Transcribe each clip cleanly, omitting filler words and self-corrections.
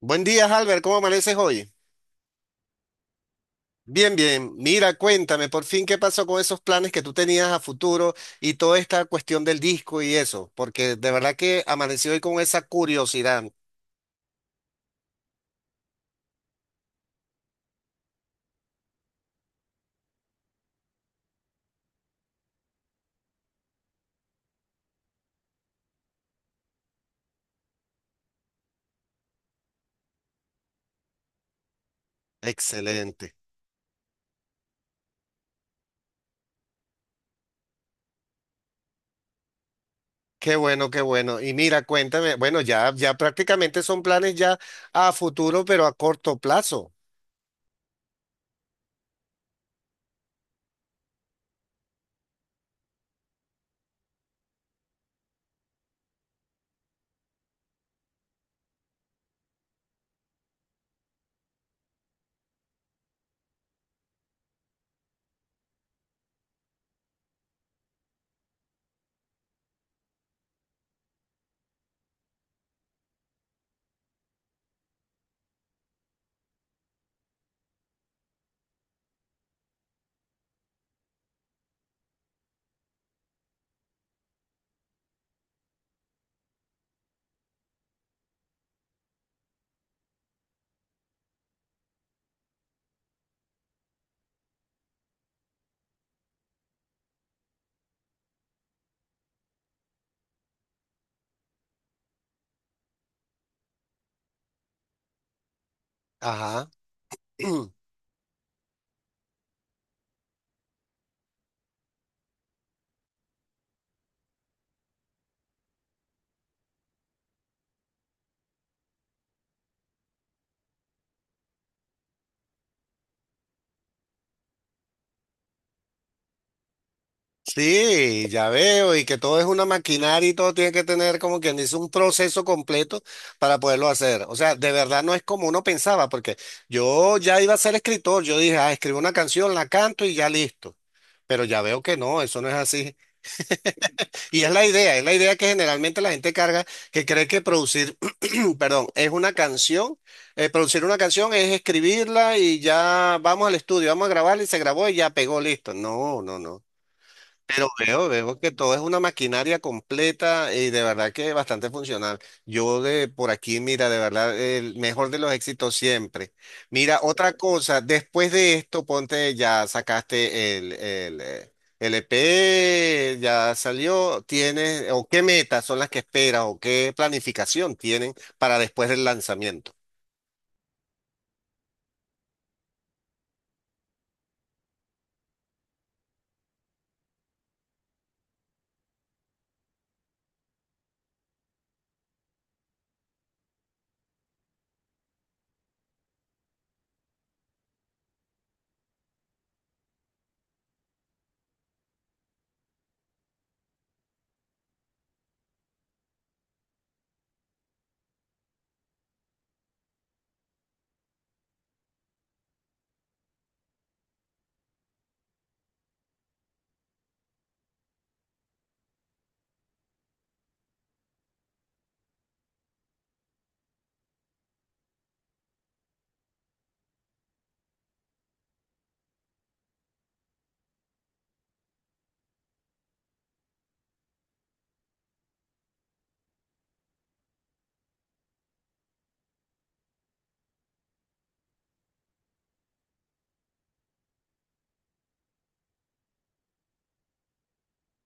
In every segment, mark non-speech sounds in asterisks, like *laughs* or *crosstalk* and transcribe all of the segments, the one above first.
Buen día, Albert. ¿Cómo amaneces hoy? Bien, bien. Mira, cuéntame por fin qué pasó con esos planes que tú tenías a futuro y toda esta cuestión del disco y eso, porque de verdad que amanecí hoy con esa curiosidad. Excelente. Qué bueno, qué bueno. Y mira, cuéntame, bueno, ya prácticamente son planes ya a futuro, pero a corto plazo. Ajá. *clears throat* Sí, ya veo, y que todo es una maquinaria y todo tiene que tener como quien dice un proceso completo para poderlo hacer. O sea, de verdad no es como uno pensaba, porque yo ya iba a ser escritor, yo dije, ah, escribo una canción, la canto y ya listo. Pero ya veo que no, eso no es así. Y es la idea que generalmente la gente carga, que cree que producir, *clears throat* perdón, es una canción, producir una canción es escribirla y ya vamos al estudio, vamos a grabarla y se grabó y ya pegó, listo. No, no, no. Pero veo, veo que todo es una maquinaria completa y de verdad que bastante funcional. Yo de por aquí, mira, de verdad, el mejor de los éxitos siempre. Mira, otra cosa, después de esto, ponte, ya sacaste el EP, ya salió, tienes, o qué metas son las que esperas, o qué planificación tienen para después del lanzamiento.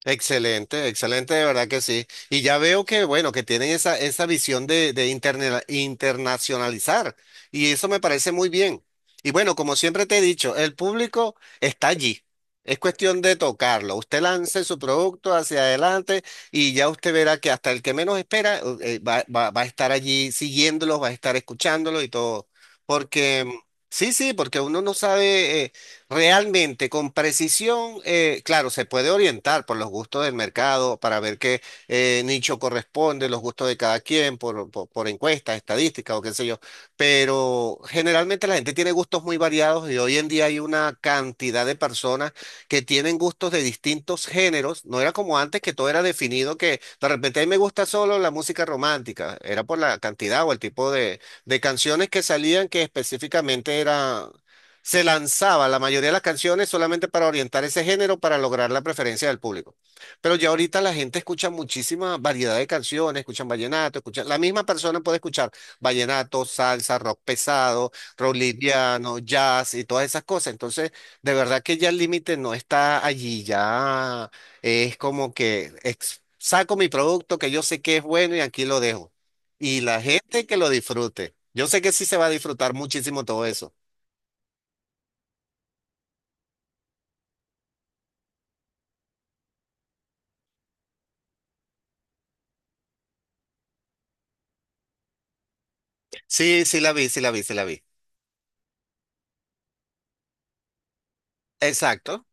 Excelente, excelente, de verdad que sí. Y ya veo que, bueno, que tienen esa, esa visión de internacionalizar. Y eso me parece muy bien. Y bueno, como siempre te he dicho, el público está allí. Es cuestión de tocarlo. Usted lance su producto hacia adelante y ya usted verá que hasta el que menos espera va a estar allí siguiéndolos, va a estar escuchándolos y todo. Porque, sí, sí, porque uno no sabe. Realmente, con precisión, claro, se puede orientar por los gustos del mercado para ver qué nicho corresponde, los gustos de cada quien, por encuestas, estadísticas o qué sé yo, pero generalmente la gente tiene gustos muy variados y hoy en día hay una cantidad de personas que tienen gustos de distintos géneros. No era como antes que todo era definido, que de repente a mí me gusta solo la música romántica, era por la cantidad o el tipo de canciones que salían, que específicamente era se lanzaba la mayoría de las canciones solamente para orientar ese género, para lograr la preferencia del público. Pero ya ahorita la gente escucha muchísima variedad de canciones, escuchan vallenato, escuchan, la misma persona puede escuchar vallenato, salsa, rock pesado, rock liviano, jazz y todas esas cosas. Entonces, de verdad que ya el límite no está allí, ya es como que saco mi producto que yo sé que es bueno y aquí lo dejo. Y la gente que lo disfrute. Yo sé que sí se va a disfrutar muchísimo todo eso. Sí, sí la vi, sí la vi, sí la vi. Exacto.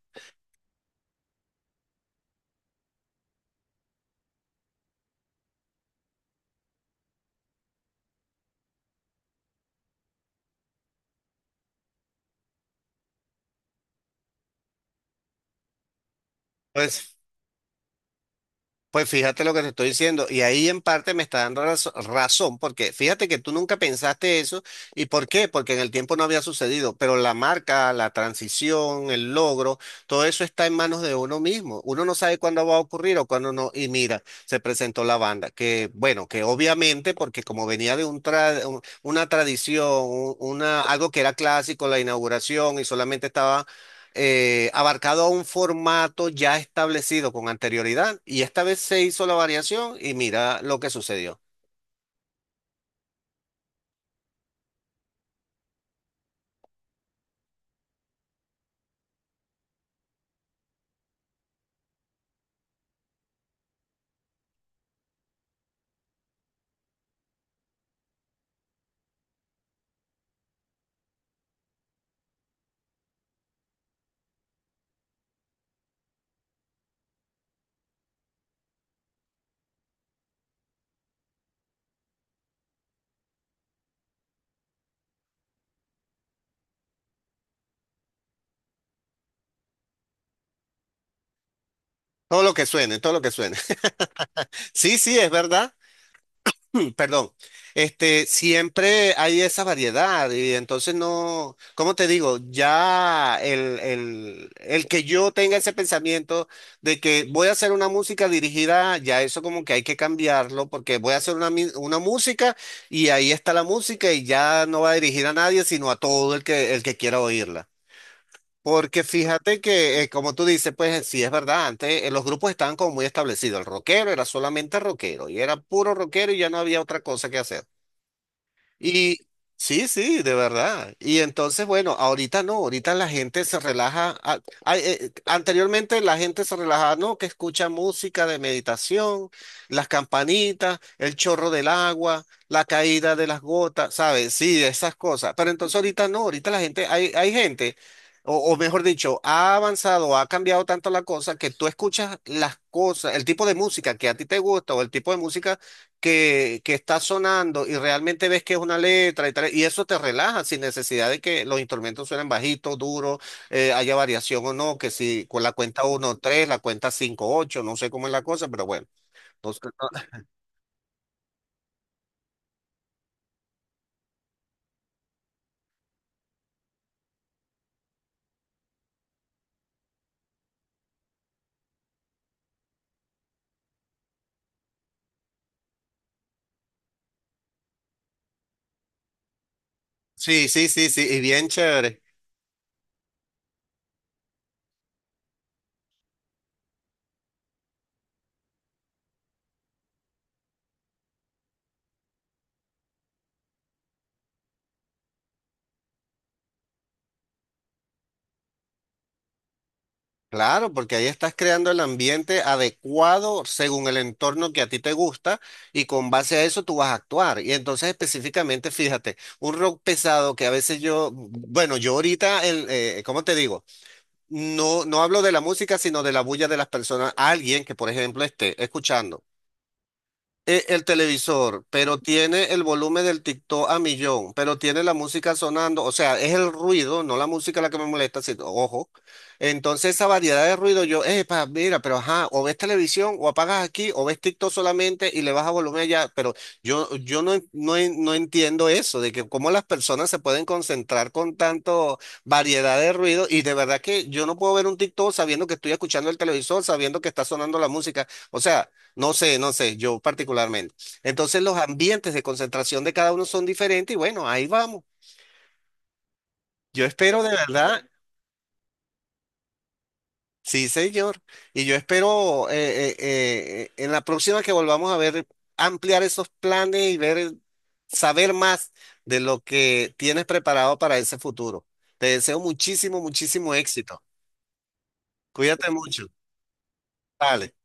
Pues, fíjate lo que te estoy diciendo. Y ahí en parte me está dando razón, porque fíjate que tú nunca pensaste eso. ¿Y por qué? Porque en el tiempo no había sucedido. Pero la marca, la transición, el logro, todo eso está en manos de uno mismo. Uno no sabe cuándo va a ocurrir o cuándo no. Y mira, se presentó la banda. Que bueno, que obviamente, porque como venía de una tradición, algo que era clásico, la inauguración, y solamente estaba abarcado a un formato ya establecido con anterioridad y esta vez se hizo la variación y mira lo que sucedió. Todo lo que suene, todo lo que suene. *laughs* Sí, sí, es verdad. *clears throat* Perdón, este, siempre hay esa variedad y entonces no, ¿cómo te digo? Ya el que yo tenga ese pensamiento de que voy a hacer una música dirigida, ya eso como que hay que cambiarlo, porque voy a hacer una música y ahí está la música y ya no va a dirigir a nadie, sino a todo el que quiera oírla. Porque fíjate que, como tú dices, pues sí es verdad, antes los grupos estaban como muy establecidos. El rockero era solamente rockero y era puro rockero y ya no había otra cosa que hacer. Y sí, sí, de verdad. Y entonces, bueno, ahorita no, ahorita la gente se relaja. Anteriormente la gente se relajaba, no, que escucha música de meditación, las campanitas, el chorro del agua, la caída de las gotas, ¿sabes? Sí, esas cosas. Pero entonces ahorita no, ahorita la gente, hay gente, o mejor dicho, ha avanzado, ha cambiado tanto la cosa que tú escuchas las cosas, el tipo de música que a ti te gusta o el tipo de música que está sonando y realmente ves que es una letra y tal, y eso te relaja sin necesidad de que los instrumentos suenen bajitos, duros, haya variación o no, que si con la cuenta uno 3 la cuenta 5 8 no sé cómo es la cosa, pero bueno. Entonces, *laughs* sí, sí, sí, sí, y bien chévere. Claro, porque ahí estás creando el ambiente adecuado según el entorno que a ti te gusta y con base a eso tú vas a actuar. Y entonces específicamente, fíjate, un rock pesado que a veces yo, bueno, yo ahorita, ¿cómo te digo? No, no hablo de la música, sino de la bulla de las personas. Alguien que, por ejemplo, esté escuchando el televisor, pero tiene el volumen del TikTok a millón, pero tiene la música sonando, o sea, es el ruido, no la música la que me molesta, sino, ojo. Entonces esa variedad de ruido, yo, pa, mira, pero ajá, o ves televisión, o apagas aquí, o ves TikTok solamente y le bajas volumen allá, pero yo no, no entiendo eso, de que cómo las personas se pueden concentrar con tanto variedad de ruido y de verdad que yo no puedo ver un TikTok sabiendo que estoy escuchando el televisor, sabiendo que está sonando la música. O sea. No sé, no sé, yo, particularmente. Entonces los ambientes de concentración de cada uno son diferentes y bueno, ahí vamos. Yo espero de verdad, sí, señor. Y yo espero en la próxima que volvamos a ver, ampliar esos planes y ver, saber más de lo que tienes preparado para ese futuro. Te deseo muchísimo, muchísimo éxito. Cuídate mucho. Vale.